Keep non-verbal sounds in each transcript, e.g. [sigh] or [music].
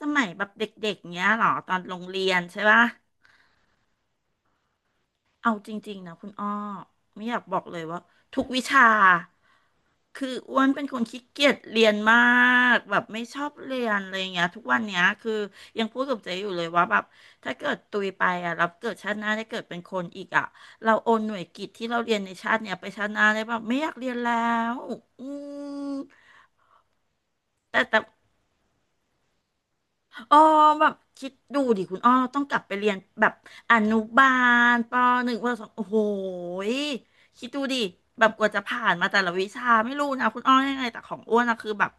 สมัยแบบเด็กๆเนี้ยเหรอตอนโรงเรียนใช่ปะเอาจริงๆนะคุณอ้อไม่อยากบอกเลยว่าทุกวิชาคืออ้วนเป็นคนขี้เกียจเรียนมากแบบไม่ชอบเรียนอะไรอย่างเงี้ยทุกวันเนี้ยคือยังพูดกับเจ๊อยู่เลยว่าแบบถ้าเกิดตุยไปอ่ะเราเกิดชาติหน้าได้เกิดเป็นคนอีกอ่ะเราโอนหน่วยกิตที่เราเรียนในชาติเนี้ยไปชาติหน้าได้แบบไม่อยากเรียนแล้วอืมแต่ อ๋อแบบคิดดูดิคุณอ้อต้องกลับไปเรียนแบบอนุบาลปหนึ่งปสองโอ้โหยคิดดูดิแบบกว่าจะผ่านมาแต่ละวิชาไม่รู้นะคุณอ้อยังไงแต่ของอ้วนนะคือแบบ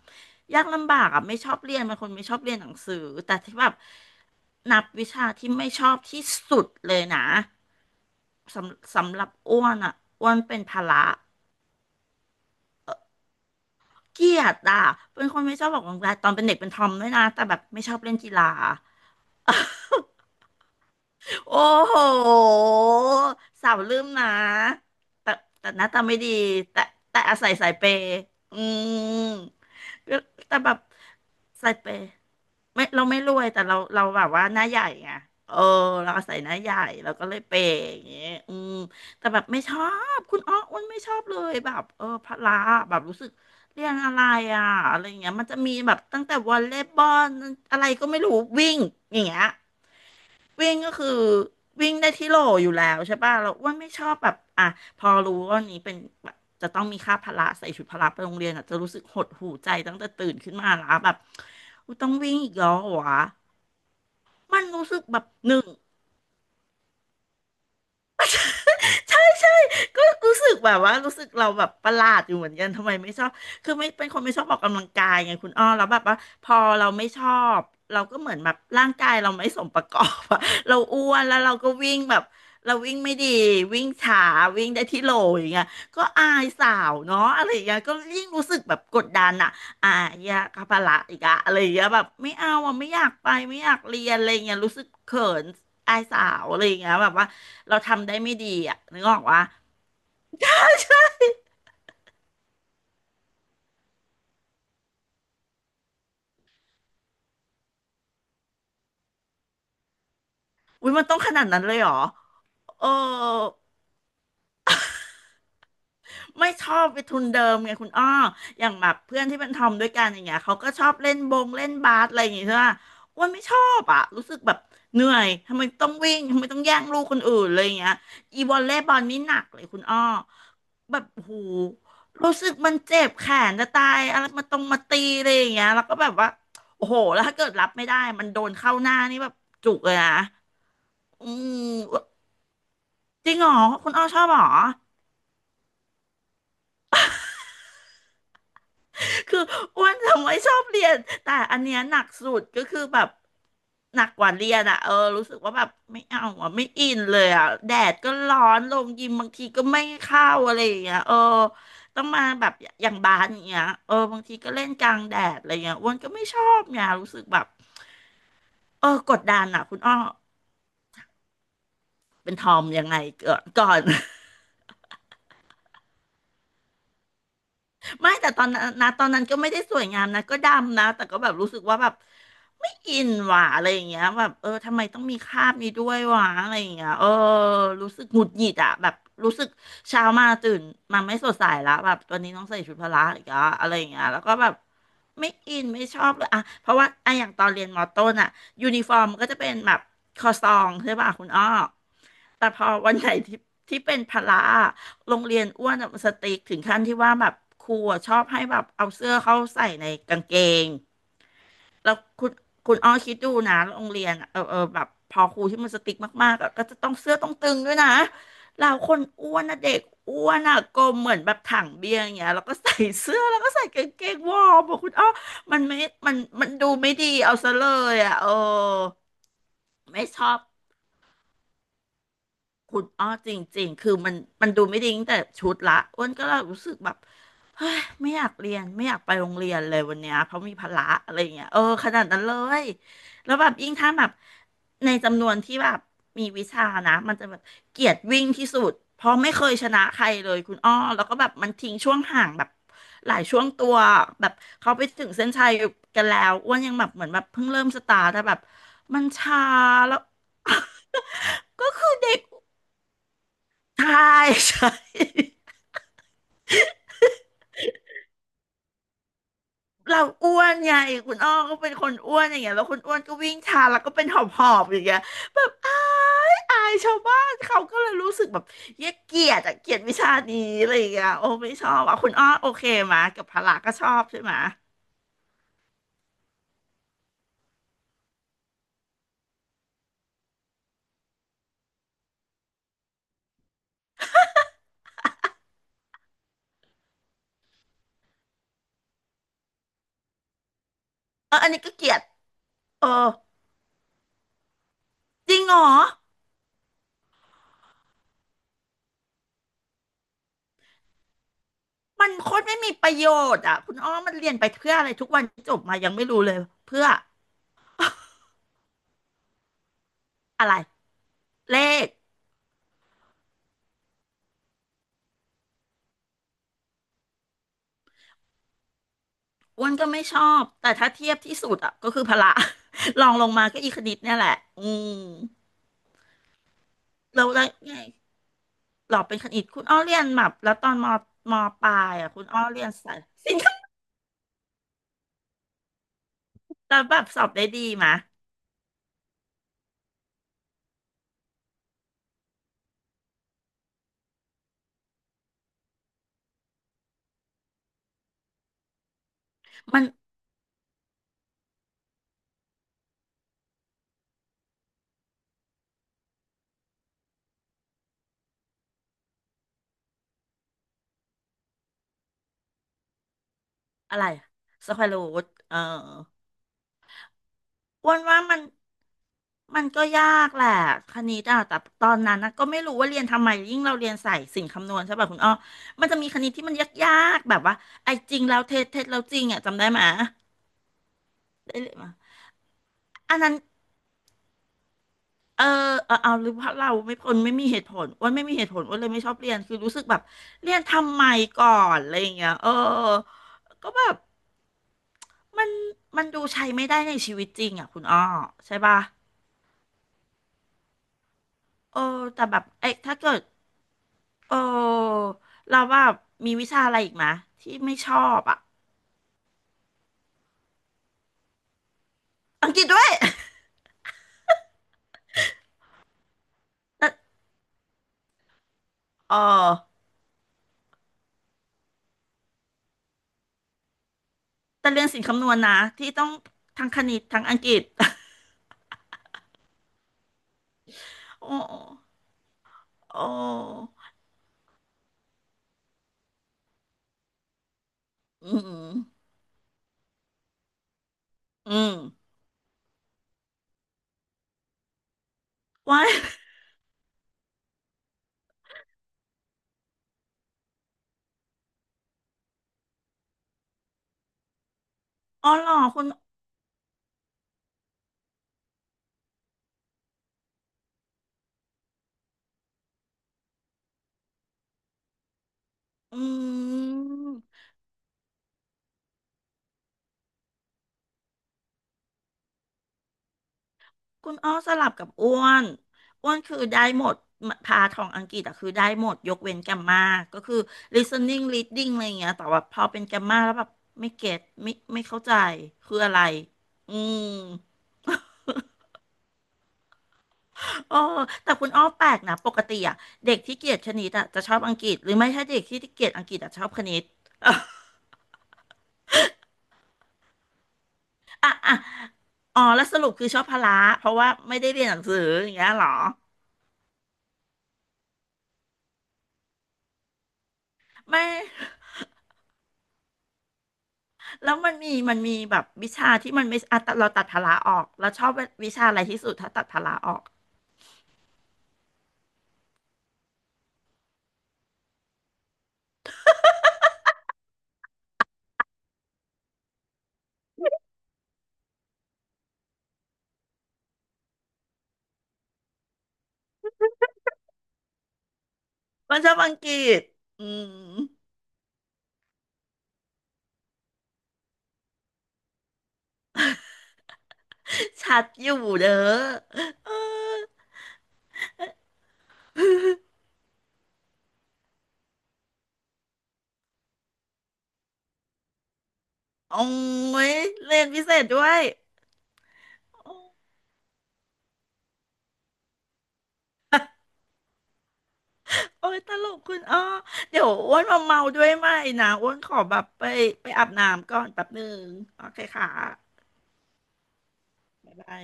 ยากลำบากอ่ะไม่ชอบเรียนเป็นคนไม่ชอบเรียนหนังสือแต่ที่แบบนับวิชาที่ไม่ชอบที่สุดเลยนะสำหรับอ้วนอ่ะอ้วนเป็นพละเกลียดอ่ะเป็นคนไม่ชอบออกกำลังกายตอนเป็นเด็กเป็นทอมด้วยนะแต่แบบไม่ชอบเล่นกีฬา โอ้โหสาวลืมนะแต่แต่หน้าตาไม่ดีแต่แต่อาศัยสายเปย์อืมก็แต่แบบสายเปย์ไม่เราไม่รวยแต่เราแบบว่าหน้าใหญ่ไงเออเราอาศัยหน้าใหญ่เราก็เลยเปย์อย่างเงี้ยอืมแต่แบบไม่ชอบคุณอ้ออ้วนไม่ชอบเลยแบบเออพละแบบรู้สึกเรียนอะไรอ่ะอะไรอย่างเงี้ยมันจะมีแบบตั้งแต่วอลเลย์บอลอะไรก็ไม่รู้วิ่งอย่างเงี้ย วิ่งก็คือวิ่งได้ที่โหลอยู่แล้วใช่ป่ะเราอ้วนไม่ชอบแบบอ่ะพอรู้ว่าวันนี้เป็นแบบจะต้องมีค่าพละใส่ชุดพละไปโรงเรียนอ่ะจะรู้สึกหดหู่ใจตั้งแต่ตื่นขึ้นมาแล้วแบบอุ๊ยต้องวิ่งอีกแล้วเหรอวะมันรู้สึกแบบหนึ่ง ใช่ใช่ก็รู้สึกแบบว่ารู้สึกเราแบบประหลาดอยู่เหมือนกันทำไมไม่ชอบคือไม่เป็นคนไม่ชอบออกกำลังกายไงคุณอ้อแล้วแบบว่าพอเราไม่ชอบเราก็เหมือนแบบร่างกายเราไม่สมประกอบอะ [laughs] เราอ้วนแล้วเราก็วิ่งแบบเราวิ่งไม่ดีวิ่งช้าวิ่งได้ที่โหลอย่างเงี้ยก็อายสาวเนาะอะไรอย่างเงี้ยก็ยิ่งรู้สึกแบบกดดันอะอ่ะอยากคาปะละอีกอะอะไรอย่างเงี้ยแบบไม่เอาอ่ะไม่อยากไปไม่อยากเรียนอะไรอย่างเงี้ยรู้สึกเขินอายสาวอะไรอย่างเงี้ยแบบว่า เราทำได้ไม่ดีอ่ะนึกออกวะ [laughs] อุ้ยมันต้องขนาดนั้นเลยเหรอเออไม่ชอบไปทุนเดิมไงคุณอ้ออย่างแบบเพื่อนที่เป็นทอมด้วยกันอย่างเงี้ยเขาก็ชอบเล่นบงเล่นบาสอะไรอย่างเงี้ยใช่ปะอ้วนไม่ชอบอ่ะรู้สึกแบบเหนื่อยทำไมต้องวิ่งทำไมต้องแย่งลูกคนอื่นอะไรอย่างเงี้ยอีวอลเลย์บอลนี่หนักเลยคุณอ้อแบบโอ้โหูรู้สึกมันเจ็บแขนจะตายอะไรมาตรงมาตีอะไรอย่างเงี้ยแล้วก็แบบว่าโอ้โหแล้วถ้าเกิดรับไม่ได้มันโดนเข้าหน้านี่แบบจุกเลยนะ อืมจริงเหรอคุณอ้อชอบเหรอคืออ้วนทำไมชอบเรียนแต่อันเนี้ยหนักสุดก็คือแบบหนักกว่าเรียนอะเออรู้สึกว่าแบบไม่เอาอ่ะไม่อินเลยอะแดดก็ร้อนลงยิมบางทีก็ไม่เข้าอะไรอย่างเงี้ยเออต้องมาแบบอย่างบาสอย่างเงี้ยเออบางทีก็เล่นกลางแดดอะไรเงี้ยอ้วนก็ไม่ชอบเนี่ยรู้สึกแบบเออกดดันอะคุณอ้อเป็นทอมยังไงเกิดก่อน ไม่แต่ตอนนั้นนะตอนนั้นก็ไม่ได้สวยงามนะก็ดำนะแต่ก็แบบรู้สึกว่าแบบไม่อินหว่ะอะไรอย่างเงี้ยแบบเออทำไมต้องมีคราบนี้ด้วยวะอะไรอย่างเงี้ยเออรู้สึกหงุดหงิดอะแบบรู้สึกเช้ามาตื่นมาไม่สดใสละแบบวันนี้ต้องใส่ชุดพละอีกแล้วอะไรอย่างเงี้ยแล้วก็แบบไม่อินไม่ชอบเลยอะเพราะว่าอะอย่างตอนเรียนมอต้นอะยูนิฟอร์มมันก็จะเป็นแบบคอซองใช่ป่ะคุณอ้อ แต่พอวันไหนที่เป็นพละอะโรงเรียนอ้วนอะมันสติ๊กถึงขั้นที่ว่าแบบครูอะชอบให้แบบเอาเสื้อเข้าใส่ในกางเกงแล้วคุณอ้อคิดดูนะโรงเรียนอะเออแบบพอครูที่มันสติ๊กมากๆอะก็จะต้องเสื้อต้องตึงด้วยนะเราคนอ้วนนะเด็กอ้วนอะกลมเหมือนแบบถังเบียร์อย่างเงี้ยแล้วก็ใส่เสื้อแล้วก็ใส่กางเกงวอร์มบอะคุณอ้อมันไม่มันดูไม่ดีเอาซะเลยอะเออไม่ชอบ คุณอ้อจริงๆคือมันดูไม่ดีตั้งแต่ชุดละอ้วนก็เลยรู้สึกแบบเฮ้ยไม่อยากเรียนไม่อยากไปโรงเรียนเลยวันเนี้ยเพราะมีภาระอะไรอย่างเงี้ยเออขนาดนั้นเลยแล้วแบบยิ่งถ้าแบบในจำนวนที่แบบมีวิชานะมันจะแบบเกลียดวิ่งที่สุดเพราะไม่เคยชนะใครเลยคุณอ้อแล้วก็แบบมันทิ้งช่วงห่างแบบหลายช่วงตัวแบบเขาไปถึงเส้นชัยกันแล้วอ้วนยังแบบเหมือนแบบเพิ่งเริ่มสตาร์ทแต่แบบมันช้าแล้ว [laughs] ก็คือเด็ก ใช่ [laughs] ใช่เราอ้วนไงคุณอ้อก็เป็นคนอ้วนอย่างเงี้ยแล้วคุณอ้วนก็วิ่งช้าแล้วก็เป็นหอบหอบอย่างเงี้ยแบบอายชาวบ้านเขาก็เลยรู้สึกแบบเย้ยเกลียดอะเกลียดวิชานี้อะไรอย่างเงี้ยโอ้ไม่ชอบอ่ะคุณอ้อโอเคมากับพละก็ชอบใช่ไหมเอออันนี้ก็เกลียดเออจริงเหรอมันโคตรไม่มีประโยชน์อ่ะคุณอ้อมันเรียนไปเพื่ออะไรทุกวันจบมายังไม่รู้เลยเพื่ออะไรเลข อ้วนก็ไม่ชอบแต่ถ้าเทียบที่สุดอ่ะก็คือพละ [laughs] ลองลงมาก็อีคณิตเนี่ยแหละอืมเราแล้วไงหลอกเป็นคณิตคุณอ้อเรียนแบบแล้วตอนมปลายอ่ะคุณอ้อเรียนสายสินค้าแล้วแบบสอบได้ดีมะมันอะไรสแควรูทเอออ้วนว่ามันก็ยากแหละคณิตอ่ะแต่ตอนนั้นนะก็ไม่รู้ว่าเรียนทำไมยิ่งเราเรียนสายสินคำนวณใช่ป่ะคุณอ้อมันจะมีคณิตที่มันยากๆแบบว่าไอ้จริงแล้วเท็จเท็จแล้วจริงอ่ะจำได้ไหมยได้เลย อันนั้นเออเออเอาหรือเพราะเราไม่คนไม่มีเหตุผลอ้ว่าไม่มีเหตุผลอ้ว่าเลยไม่ชอบเรียนคือรู้สึกแบบเรียนทำไมก่อนอะไรอย่างเงี้ยเออก็แบบมันมันดูใช้ไม่ได้ในชีวิตจริงอ่ะคุณอ้อใช่ป่ะเออแต่แบบเอ๊ะถ้าเกิดเออเราว่ามีวิชาอะไรอีกไหมที่ไม่ชอบอ่ะอังกฤษด้วย [laughs] แต่เออแต่เรียนศิลป์คำนวณนะที่ต้องทั้งคณิตทั้งอังกฤษ [laughs] โอ้โอ้อืมอืมว้าย อ๋อเหรอคุณอืมคุณอ้อสลับกับอ้วนอ้วนคือได้หมดพาทองอังกฤษอะคือได้หมดยกเว้นแกมมาก็คือ listening reading อะไรอย่างเงี้ยแต่ว่าพอเป็นแกมมาแล้วแบบไม่เก็ตไม่เข้าใจคืออะไรอืมโอ้แต่คุณอ้อแปลกนะปกติอะเด็กที่เกลียดคณิตอะจะชอบอังกฤษหรือไม่ถ้าเด็กที่เกลียดอังกฤษอะชอบคณิต [laughs] อ่ะอ่ะอะอ๋อแล้วสรุปคือชอบพละเพราะว่าไม่ได้เรียนหนังสืออย่างเงี้ยเหรอไม่ แล้วมันมีมีแบบวิชาที่มันไม่อ่ะตัดเราตัดพละออกเราชอบวิชาอะไรที่สุดถ้าตัดพละออกมันชอบอังกฤษอืมชัดอยู่เด้อเออโอ้ยเรียนพิเศษด้วยโอ้อยตลกคุณอ้อเดี๋ยวอ้วนมาเมาด้วยไหมนะอ้วนขอแบบไปไปอาบน้ำก่อนแป๊บหนึ่งโอเคค่ะบ๊ายบาย